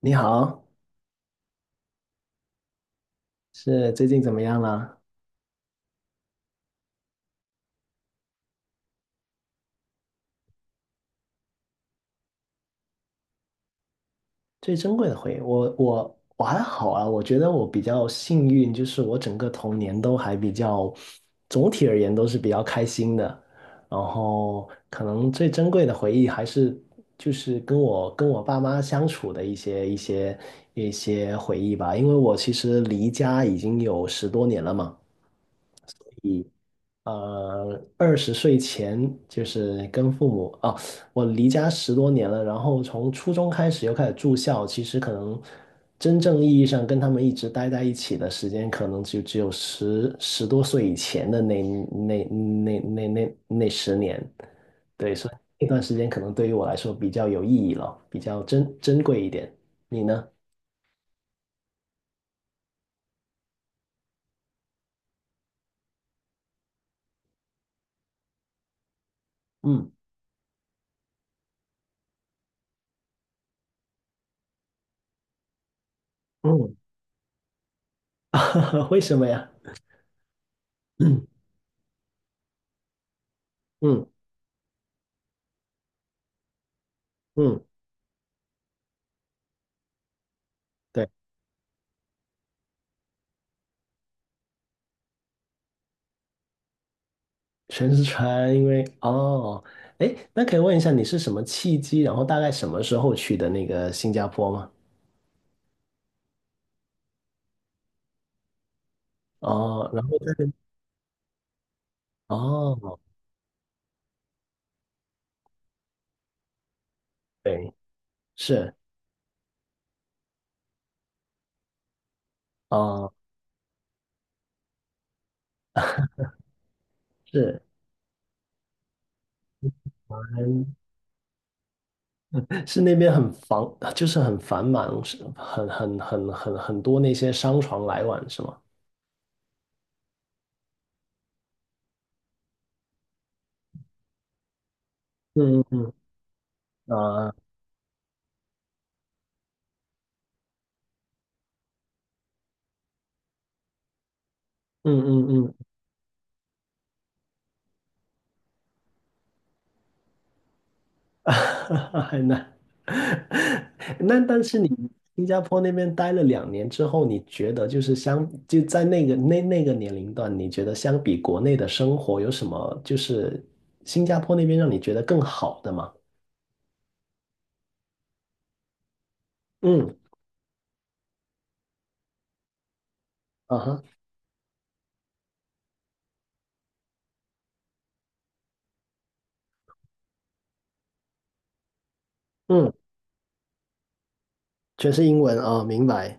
你好，是最近怎么样了？最珍贵的回忆，我还好啊，我觉得我比较幸运，就是我整个童年都还比较，总体而言都是比较开心的。然后可能最珍贵的回忆还是就是跟我爸妈相处的一些回忆吧，因为我其实离家已经有十多年了嘛。20岁前就是跟父母哦，我离家十多年了，然后从初中开始又开始住校，其实可能真正意义上跟他们一直待在一起的时间，可能就只有十多岁以前的那十年，对，所以那段时间可能对于我来说比较有意义了，比较珍贵一点。你呢？嗯嗯，为什么呀？嗯嗯嗯，对。全是船，因为哦，哎，那可以问一下你是什么契机，然后大概什么时候去的那个新加坡吗？哦，然后在哦，对，是哦，是，嗯是那边很繁，就是很繁忙，是很多那些商船来往，是吗？嗯嗯嗯，啊，嗯嗯嗯 很难。那但是你新加坡那边待了2年之后，你觉得就是相就在那个那个年龄段，你觉得相比国内的生活有什么就是新加坡那边让你觉得更好的吗？嗯，啊哈，嗯，全是英文啊，明白。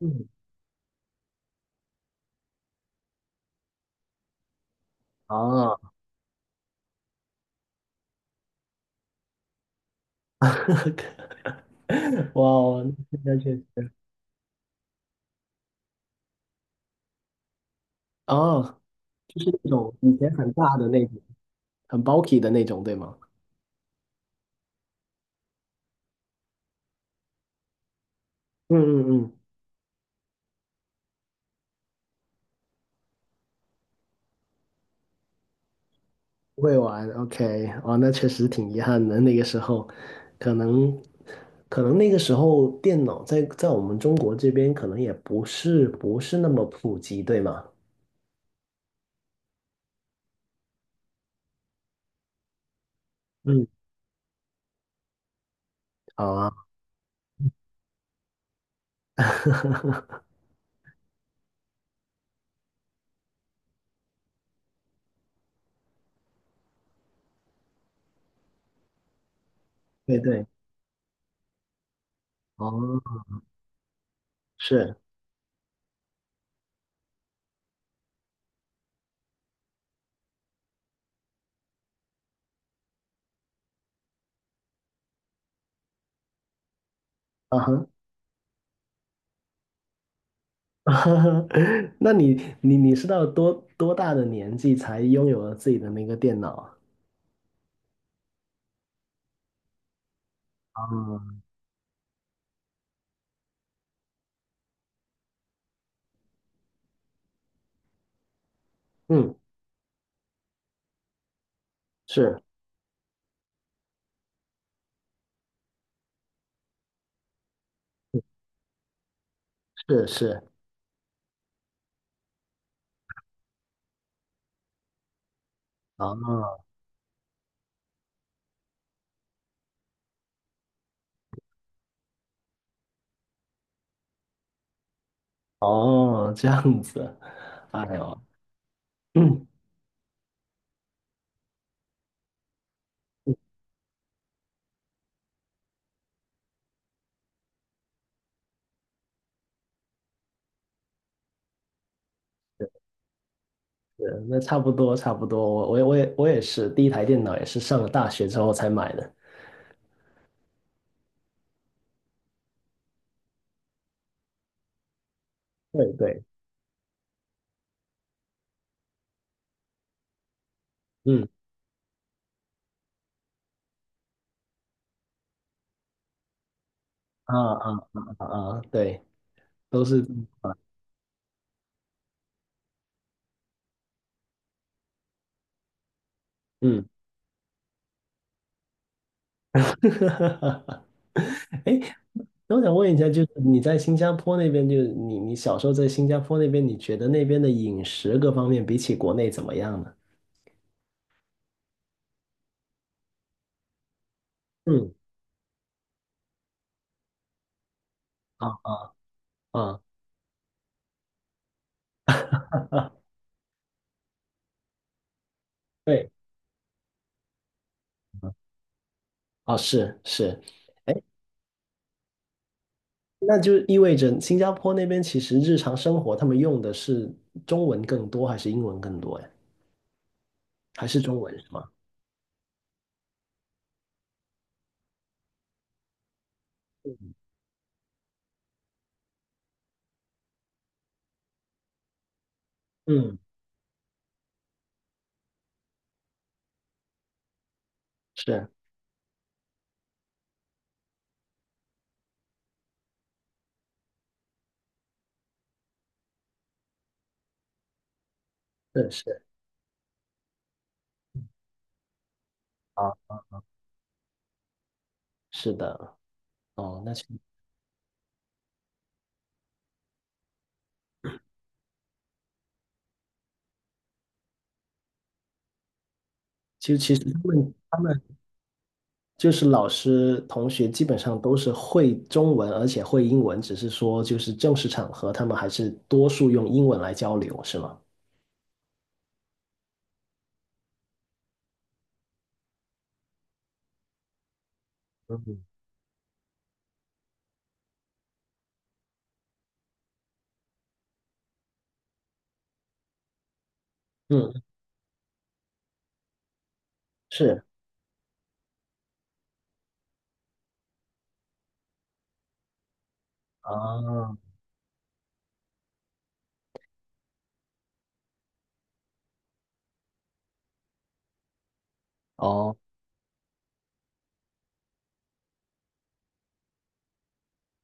嗯，啊，哇哦，现在确实哦，那种以前很大的那种，很 bulky 的那种，对吗？嗯嗯嗯不会玩，OK,哦，那确实挺遗憾的。那个时候，可能，可能那个时候电脑在我们中国这边可能也不是那么普及，对吗？嗯，好啊，对对，哦，是，啊哈，那你你是到多大的年纪才拥有了自己的那个电脑啊？啊，嗯，是是是，哦哦，这样子，哎呦。对，那差不多差不多，我也是，第一台电脑也是上了大学之后才买的。对对，嗯啊啊啊啊啊，对，都是嗯，哎那我想问一下，就是你在新加坡那边，就是你小时候在新加坡那边，你觉得那边的饮食各方面比起国内怎么样呢？嗯啊啊啊，对，哦是是，哎，那就意味着新加坡那边其实日常生活他们用的是中文更多还是英文更多呀？还是中文是吗？嗯，是是是啊，是的，哦，那其其实他们就是老师同学基本上都是会中文，而且会英文，只是说就是正式场合他们还是多数用英文来交流，是吗？嗯嗯，是啊，哦，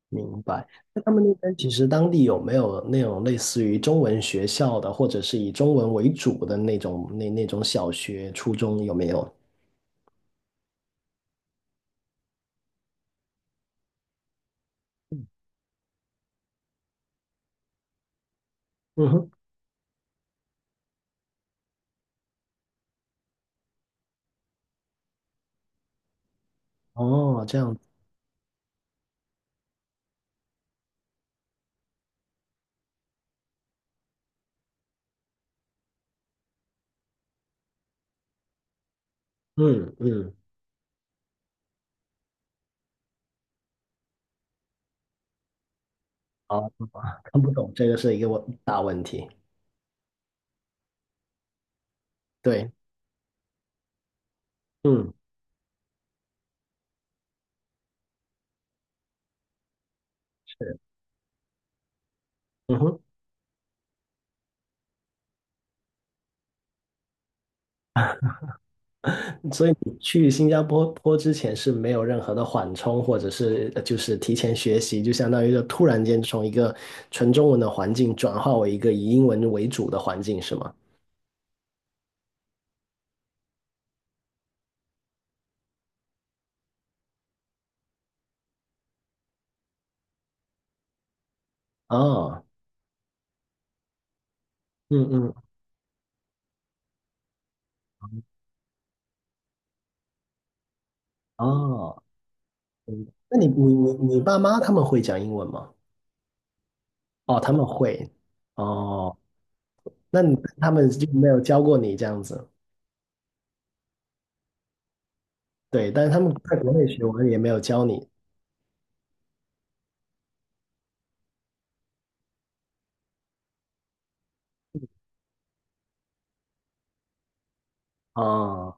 明白。那他们那边其实当地有没有那种类似于中文学校的，或者是以中文为主的那种那种小学、初中有没有？嗯哼，哦，这样。嗯嗯，啊，看不懂，这个是一个问大问题。对，嗯是，嗯哼 所以你去新加坡坡之前是没有任何的缓冲，或者是就是提前学习，就相当于就突然间从一个纯中文的环境转化为一个以英文为主的环境，是吗？哦嗯嗯，哦，嗯那你爸妈他们会讲英文吗？哦，他们会。哦，那你他们就没有教过你这样子。对，但是他们在国内学文也没有教你啊，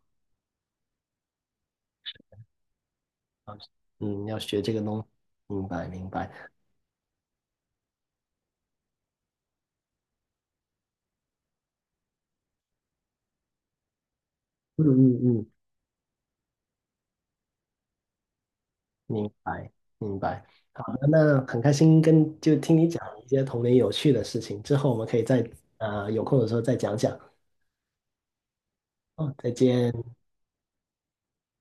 啊嗯，要学这个东西，明白明白，嗯嗯嗯，明白明白。好的，那很开心跟就听你讲一些童年有趣的事情，之后我们可以再有空的时候再讲讲。哦，再见。